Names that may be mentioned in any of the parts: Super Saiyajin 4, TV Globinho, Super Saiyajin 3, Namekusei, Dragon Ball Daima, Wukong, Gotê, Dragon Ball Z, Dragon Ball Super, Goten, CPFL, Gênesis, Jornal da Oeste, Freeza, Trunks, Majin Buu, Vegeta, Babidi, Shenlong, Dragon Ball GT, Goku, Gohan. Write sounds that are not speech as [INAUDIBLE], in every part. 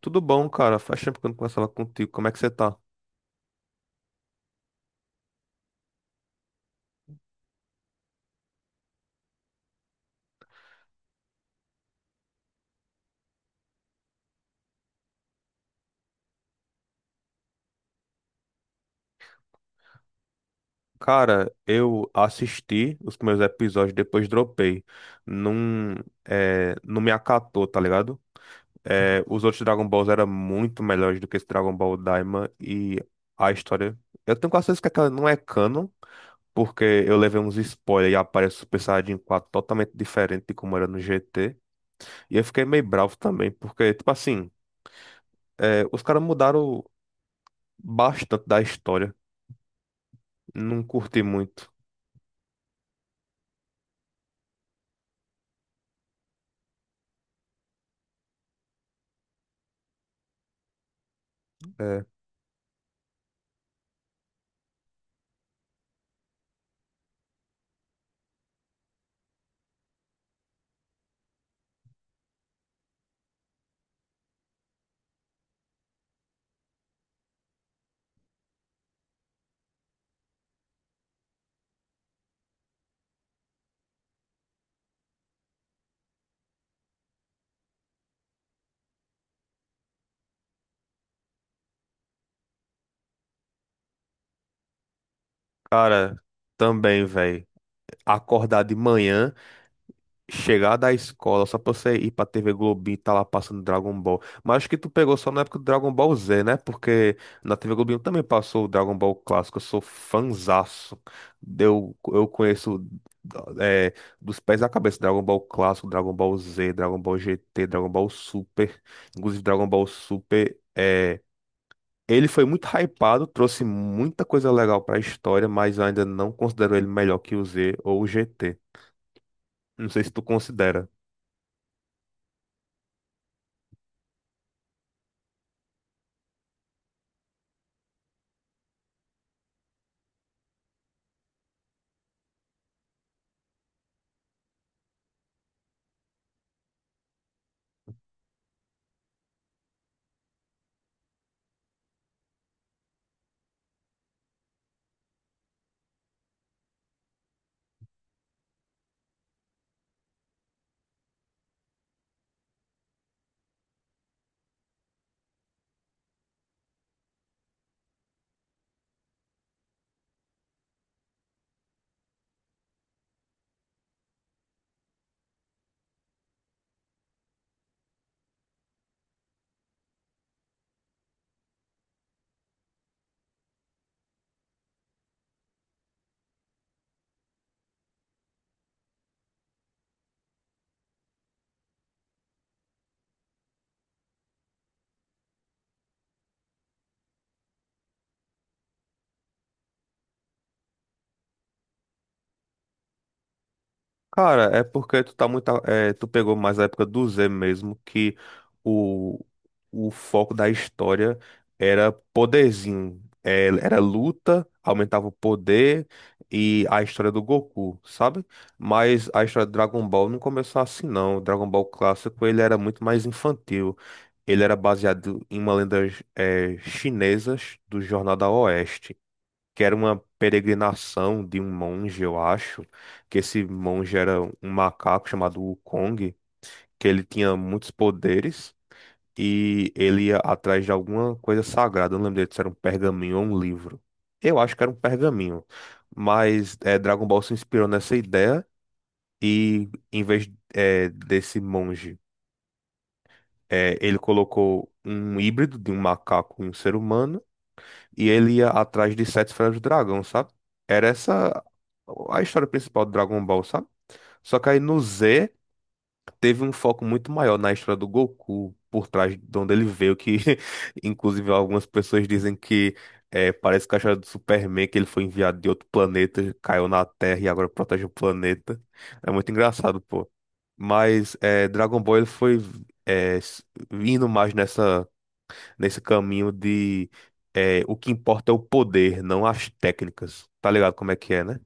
Tudo bom, cara? Faz tempo que eu não conversava contigo. Como é que você tá? Cara, eu assisti os primeiros episódios, depois dropei. Não, não me acatou, tá ligado? É, os outros Dragon Balls eram muito melhores do que esse Dragon Ball Daima e a história. Eu tenho quase certeza que aquela não é canon, porque eu levei uns spoilers e aparece o Super Saiyajin 4 totalmente diferente de como era no GT. E eu fiquei meio bravo também, porque, tipo assim, os caras mudaram bastante da história. Não curti muito. É. Cara, também, velho. Acordar de manhã, chegar da escola só pra você ir pra TV Globinho e tá lá passando Dragon Ball. Mas acho que tu pegou só na época do Dragon Ball Z, né? Porque na TV Globinho também passou o Dragon Ball clássico. Eu sou fanzaço. Eu conheço é, dos pés à cabeça Dragon Ball clássico, Dragon Ball Z, Dragon Ball GT, Dragon Ball Super. Inclusive, Dragon Ball Super. Ele foi muito hypado, trouxe muita coisa legal pra história, mas eu ainda não considero ele melhor que o Z ou o GT. Não sei se tu considera. Cara, é porque tu tá muito, tu pegou mais a época do Z mesmo, que o, o foco da história era poderzinho. Era luta, aumentava o poder e a história do Goku, sabe? Mas a história do Dragon Ball não começou assim, não. O Dragon Ball clássico, ele era muito mais infantil. Ele era baseado em uma lenda, chinesa do Jornal da Oeste, que era uma peregrinação de um monge, eu acho, que esse monge era um macaco chamado Wukong, que ele tinha muitos poderes e ele ia atrás de alguma coisa sagrada. Eu não lembro direito se era um pergaminho ou um livro. Eu acho que era um pergaminho, mas Dragon Ball se inspirou nessa ideia e em vez desse monge, ele colocou um híbrido de um macaco e um ser humano e ele ia atrás de sete esferas do dragão, sabe? Era essa a história principal do Dragon Ball, sabe? Só que aí no Z teve um foco muito maior na história do Goku, por trás de onde ele veio, que [LAUGHS] inclusive algumas pessoas dizem que parece que a história do Superman, que ele foi enviado de outro planeta, caiu na Terra e agora protege o planeta. É muito engraçado, pô. Mas é, Dragon Ball ele foi é, s- indo mais nessa nesse caminho de o que importa é o poder, não as técnicas. Tá ligado como é que é, né?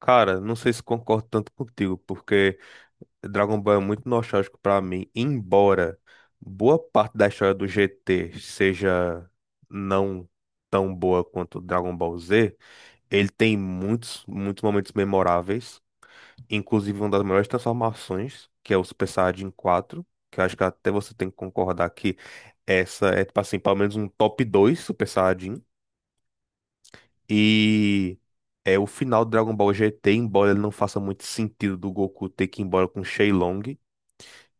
Cara, não sei se concordo tanto contigo, porque Dragon Ball é muito nostálgico pra mim, embora boa parte da história do GT seja não tão boa quanto Dragon Ball Z, ele tem muitos momentos memoráveis. Inclusive, uma das melhores transformações, que é o Super Saiyajin 4, que eu acho que até você tem que concordar que essa é, tipo assim, pelo menos um top 2 Super Saiyajin. E é o final do Dragon Ball GT, embora ele não faça muito sentido do Goku ter que ir embora com o Shenlong,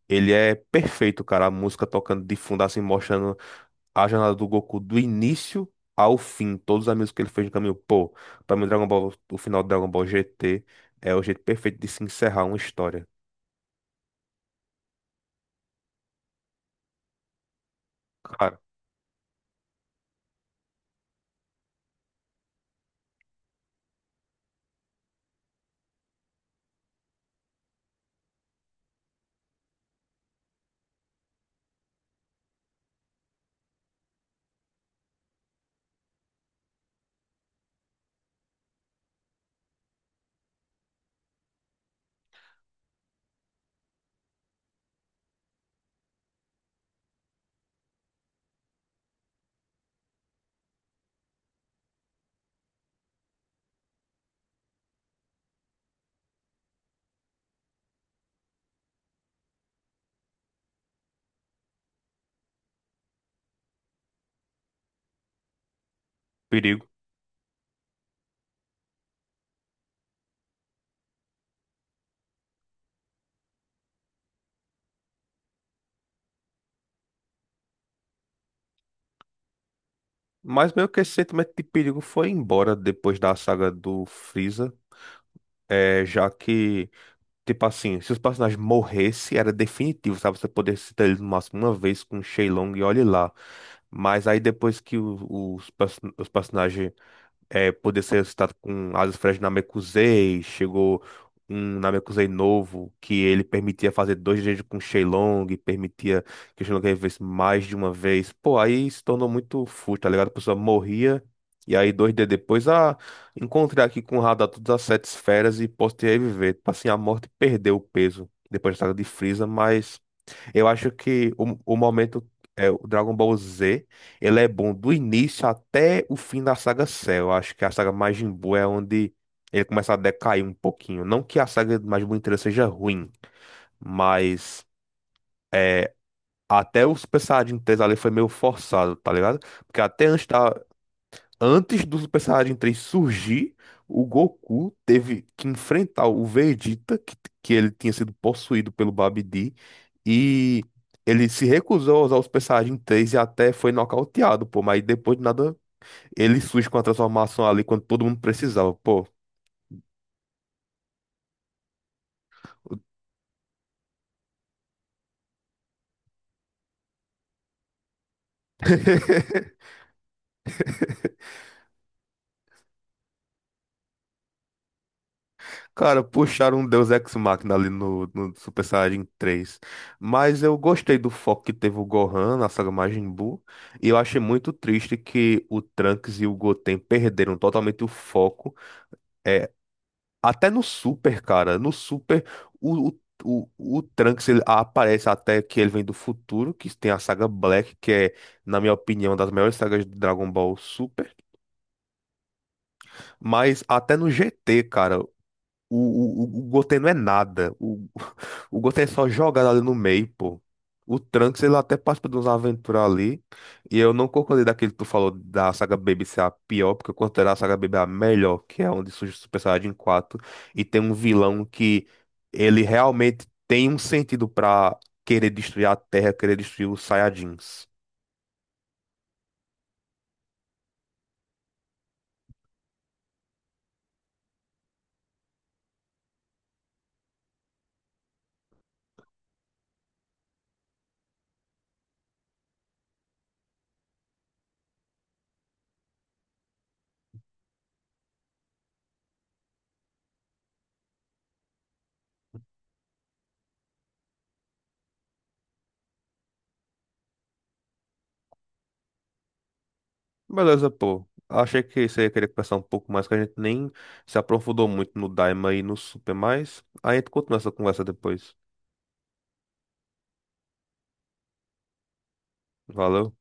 ele é perfeito, cara. A música tocando de fundo, assim, mostrando a jornada do Goku do início ao fim. Todos os amigos que ele fez no caminho. Pô, pra mim, Dragon Ball, o final do Dragon Ball GT é o jeito perfeito de se encerrar uma história. Cara, perigo. Mas meio que esse sentimento de perigo foi embora depois da saga do Freeza. Já que, tipo assim, se os personagens morressem, era definitivo, sabe? Você poder citar eles no máximo uma vez com o Shenlong e olhe lá. Mas aí depois que os personagens poder ser ressuscitado com asas frestas de Namekusei. Chegou um Namekusei novo que ele permitia fazer dois jeitos com Shenlong, permitia que o Shenlong revivesse mais de uma vez. Pô, aí se tornou muito fútil, tá ligado? A pessoa morria. E aí, dois dias depois, encontrei aqui com o radar todas as sete esferas e posso te reviver. Tipo assim, a morte perdeu o peso depois da saga de Frieza, mas. Eu acho que o momento é o Dragon Ball Z, ele é bom do início até o fim da saga Cell. Eu acho que a saga Majin Buu é onde ele começa a decair um pouquinho. Não que a saga Majin Buu inteira seja ruim, mas é, até o Super Saiyajin 3 ali foi meio forçado, tá ligado? Porque até antes da, Antes do Super Saiyajin 3 surgir, o Goku teve que enfrentar o Vegeta, que ele tinha sido possuído pelo Babidi, e ele se recusou a usar o Super Saiyajin 3 e até foi nocauteado, pô, mas depois de nada, ele surge com a transformação ali quando todo mundo precisava, pô. [LAUGHS] Cara, puxaram um Deus Ex Machina ali no Super Saiyajin 3. Mas eu gostei do foco que teve o Gohan na saga Majin Buu. E eu achei muito triste que o Trunks e o Goten perderam totalmente o foco. É, Até no Super, cara. No Super, o, o, o Trunks ele aparece até que ele vem do futuro, que tem a saga Black, que é, na minha opinião, uma das melhores sagas de Dragon Ball Super. Mas até no GT, cara. O Gotê não é nada. O Gotê é só jogado ali no meio, pô. O Trunks, ele até participa de uns aventuras ali. E eu não concordei daquele que tu falou da saga Baby ser a pior, porque eu considero a saga Baby a melhor, que é onde surge o Super Saiyajin 4. E tem um vilão que ele realmente tem um sentido pra querer destruir a Terra, querer destruir os Saiyajins. Beleza, pô. Achei que você ia querer conversar um pouco mais, que a gente nem se aprofundou muito no Daima e no Super, mas aí a gente continua essa conversa depois. Valeu.